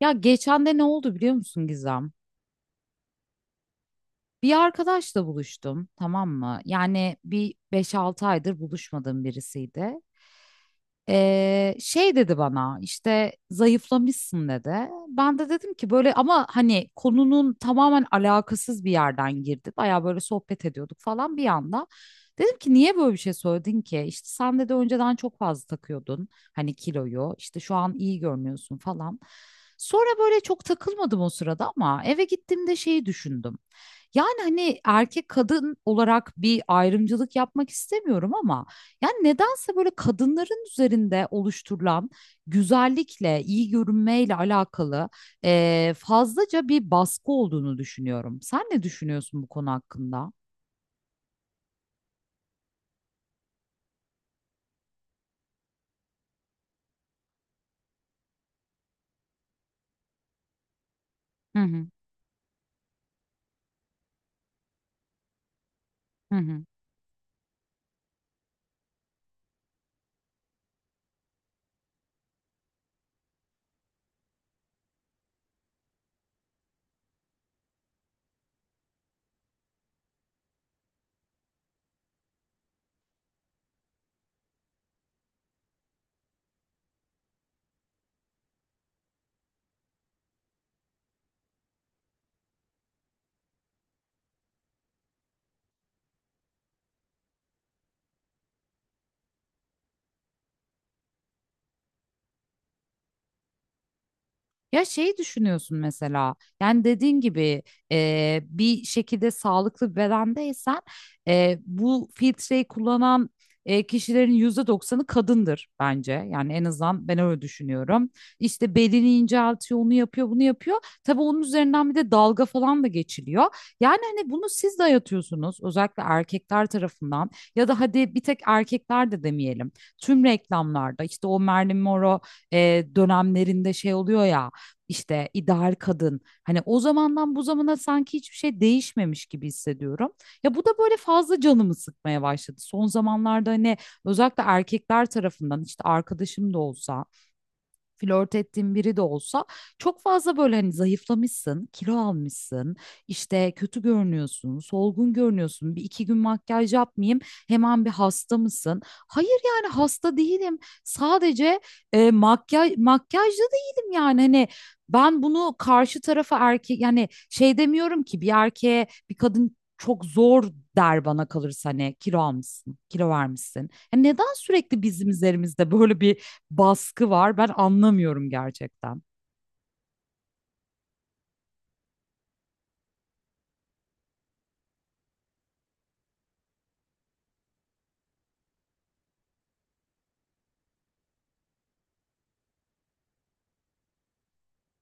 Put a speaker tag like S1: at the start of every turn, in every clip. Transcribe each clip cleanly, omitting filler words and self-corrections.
S1: Ya geçen de ne oldu biliyor musun Gizem? Bir arkadaşla buluştum, tamam mı? Yani bir 5-6 aydır buluşmadığım birisiydi. Şey dedi bana işte zayıflamışsın dedi. Ben de dedim ki böyle ama hani konunun tamamen alakasız bir yerden girdi. Baya böyle sohbet ediyorduk falan bir anda. Dedim ki niye böyle bir şey söyledin ki? İşte sen dedi önceden çok fazla takıyordun hani kiloyu işte şu an iyi görünüyorsun falan. Sonra böyle çok takılmadım o sırada ama eve gittiğimde şeyi düşündüm. Yani hani erkek kadın olarak bir ayrımcılık yapmak istemiyorum ama yani nedense böyle kadınların üzerinde oluşturulan güzellikle, iyi görünmeyle alakalı fazlaca bir baskı olduğunu düşünüyorum. Sen ne düşünüyorsun bu konu hakkında? Hı hı. Hı hı. Ya şey düşünüyorsun mesela yani dediğin gibi bir şekilde sağlıklı bir bedendeysen bu filtreyi kullanan kişilerin %90'ı kadındır bence. Yani en azından ben öyle düşünüyorum. İşte belini inceltiyor, onu yapıyor, bunu yapıyor. Tabii onun üzerinden bir de dalga falan da geçiliyor. Yani hani bunu siz dayatıyorsunuz özellikle erkekler tarafından ya da hadi bir tek erkekler de demeyelim. Tüm reklamlarda işte o Marilyn Monroe dönemlerinde şey oluyor ya işte ideal kadın. Hani o zamandan bu zamana sanki hiçbir şey değişmemiş gibi hissediyorum. Ya bu da böyle fazla canımı sıkmaya başladı. Son zamanlarda hani özellikle erkekler tarafından işte arkadaşım da olsa flört ettiğin biri de olsa çok fazla böyle hani zayıflamışsın, kilo almışsın, işte kötü görünüyorsun, solgun görünüyorsun. Bir iki gün makyaj yapmayayım, hemen bir hasta mısın? Hayır yani hasta değilim. Sadece makyajlı değilim yani hani ben bunu karşı tarafa erkek yani şey demiyorum ki bir erkeğe bir kadın çok zor der bana kalırsa hani kilo almışsın, kilo vermişsin. Ya neden sürekli bizim üzerimizde böyle bir baskı var. Ben anlamıyorum gerçekten.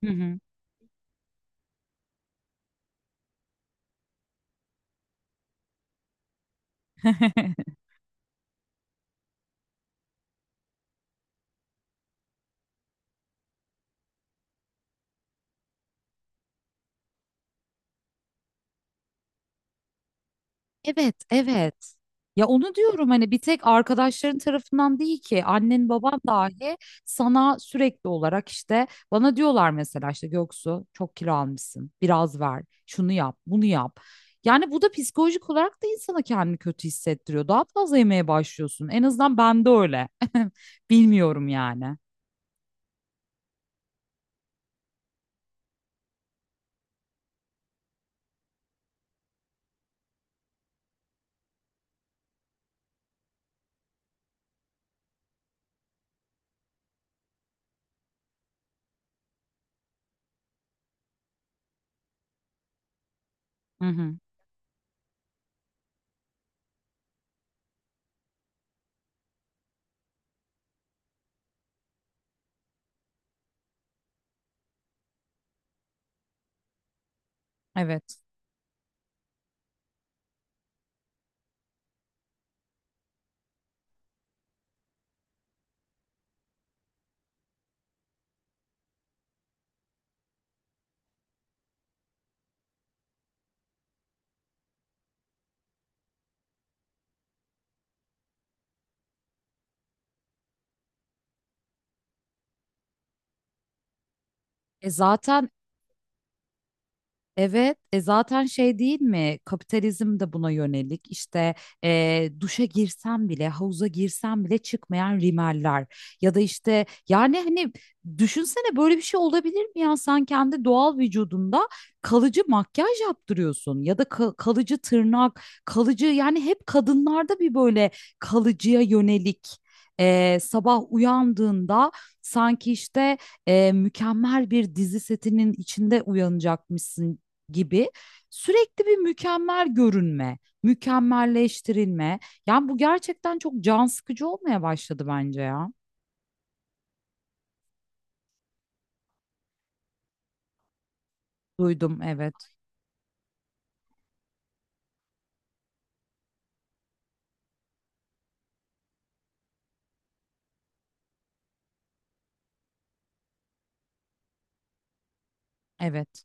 S1: Hı hı. Evet, evet. Ya onu diyorum hani bir tek arkadaşların tarafından değil ki annen baban dahi sana sürekli olarak işte bana diyorlar mesela işte Göksu çok kilo almışsın biraz ver şunu yap bunu yap. Yani bu da psikolojik olarak da insana kendini kötü hissettiriyor. Daha fazla yemeye başlıyorsun. En azından bende öyle. Bilmiyorum yani. Hı hı. Evet. E zaten Evet, e zaten şey değil mi? Kapitalizm de buna yönelik. İşte duşa girsem bile, havuza girsem bile çıkmayan rimeller ya da işte yani hani düşünsene böyle bir şey olabilir mi ya? Sen kendi doğal vücudunda kalıcı makyaj yaptırıyorsun ya da kalıcı tırnak, kalıcı yani hep kadınlarda bir böyle kalıcıya yönelik sabah uyandığında sanki işte mükemmel bir dizi setinin içinde uyanacakmışsın gibi sürekli bir mükemmel görünme, mükemmelleştirilme. Yani bu gerçekten çok can sıkıcı olmaya başladı bence ya. Duydum evet, evet.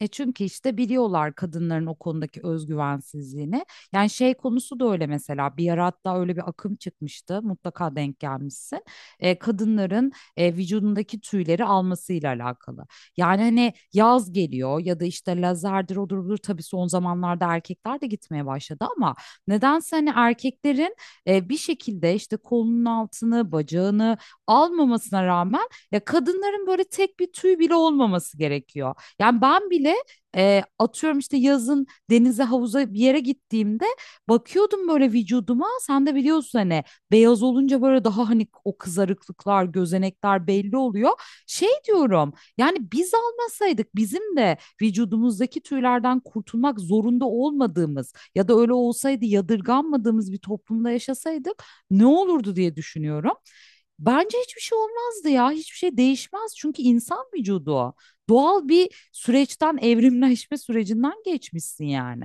S1: Çünkü işte biliyorlar kadınların o konudaki özgüvensizliğini. Yani şey konusu da öyle mesela bir ara hatta öyle bir akım çıkmıştı mutlaka denk gelmişsin. Kadınların vücudundaki tüyleri almasıyla alakalı. Yani hani yaz geliyor ya da işte lazerdir odur budur tabii son zamanlarda erkekler de gitmeye başladı ama nedense hani erkeklerin bir şekilde işte kolunun altını bacağını almamasına rağmen ya kadınların böyle tek bir tüy bile olmaması gerekiyor. Yani ben bile atıyorum işte yazın denize havuza bir yere gittiğimde bakıyordum böyle vücuduma. Sen de biliyorsun hani beyaz olunca böyle daha hani o kızarıklıklar, gözenekler belli oluyor. Şey diyorum yani biz almasaydık bizim de vücudumuzdaki tüylerden kurtulmak zorunda olmadığımız ya da öyle olsaydı yadırganmadığımız bir toplumda yaşasaydık ne olurdu diye düşünüyorum. Bence hiçbir şey olmazdı ya. Hiçbir şey değişmez. Çünkü insan vücudu o. Doğal bir süreçten, evrimleşme sürecinden geçmişsin yani.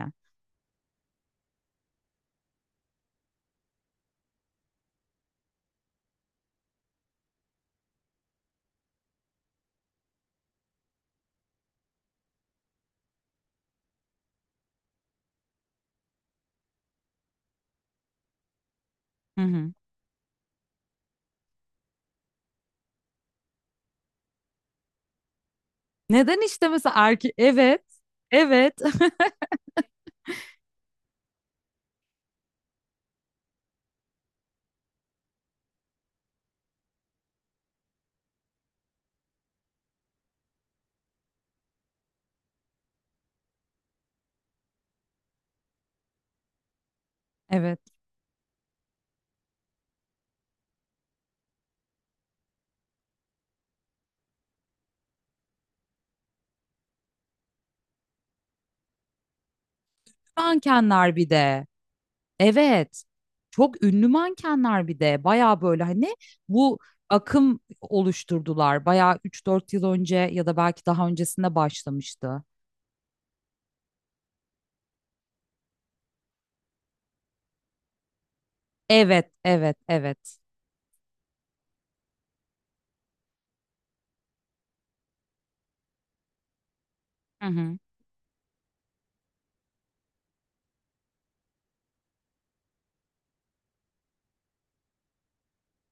S1: Hı hı. Neden işte mesela erkek... Evet, evet, evet. Mankenler bir de. Evet. Çok ünlü mankenler bir de. Baya böyle hani bu akım oluşturdular. Baya 3-4 yıl önce ya da belki daha öncesinde başlamıştı. Evet, evet, evet. Hı hı.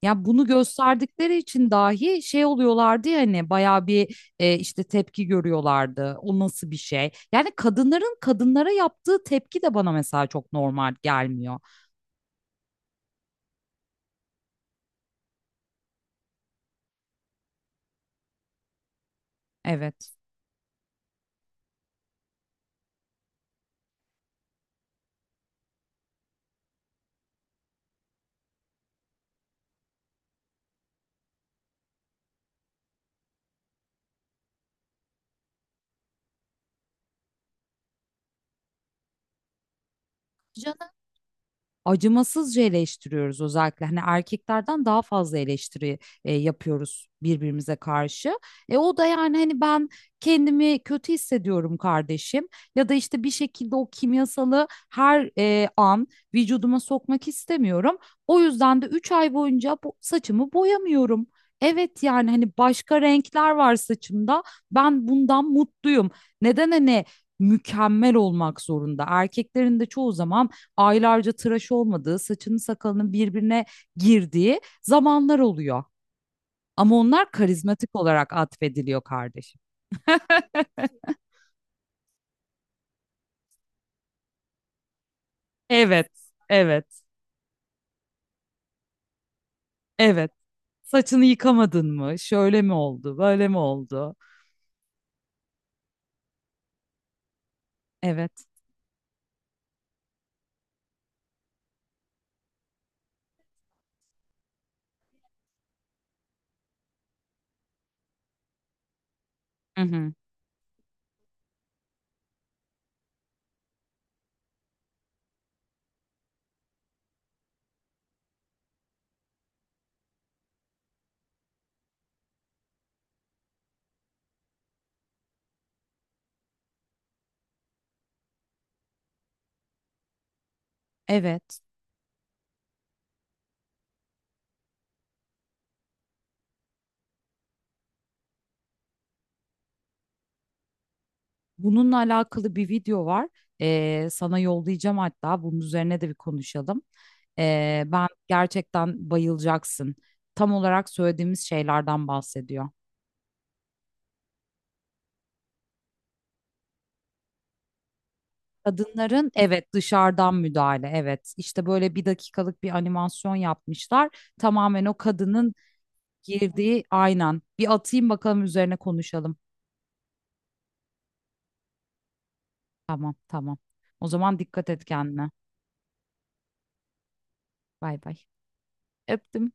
S1: Ya bunu gösterdikleri için dahi şey oluyorlardı ya hani bayağı bir işte tepki görüyorlardı. O nasıl bir şey? Yani kadınların kadınlara yaptığı tepki de bana mesela çok normal gelmiyor. Evet. Acımasızca eleştiriyoruz özellikle. Hani erkeklerden daha fazla eleştiri yapıyoruz birbirimize karşı. E o da yani hani ben kendimi kötü hissediyorum kardeşim ya da işte bir şekilde o kimyasalı her an vücuduma sokmak istemiyorum. O yüzden de 3 ay boyunca saçımı boyamıyorum. Evet yani hani başka renkler var saçımda. Ben bundan mutluyum. Neden hani mükemmel olmak zorunda? Erkeklerin de çoğu zaman aylarca tıraş olmadığı, saçının sakalının birbirine girdiği zamanlar oluyor. Ama onlar karizmatik olarak atfediliyor kardeşim. Evet, evet, evet. Saçını yıkamadın mı? Şöyle mi oldu? Böyle mi oldu? Evet. Hı hı. Evet. Bununla alakalı bir video var. Sana yollayacağım hatta. Bunun üzerine de bir konuşalım. Ben gerçekten bayılacaksın. Tam olarak söylediğimiz şeylerden bahsediyor. Kadınların evet dışarıdan müdahale evet işte böyle bir dakikalık bir animasyon yapmışlar tamamen o kadının girdiği aynen bir atayım bakalım üzerine konuşalım tamam tamam o zaman dikkat et kendine bay bay öptüm.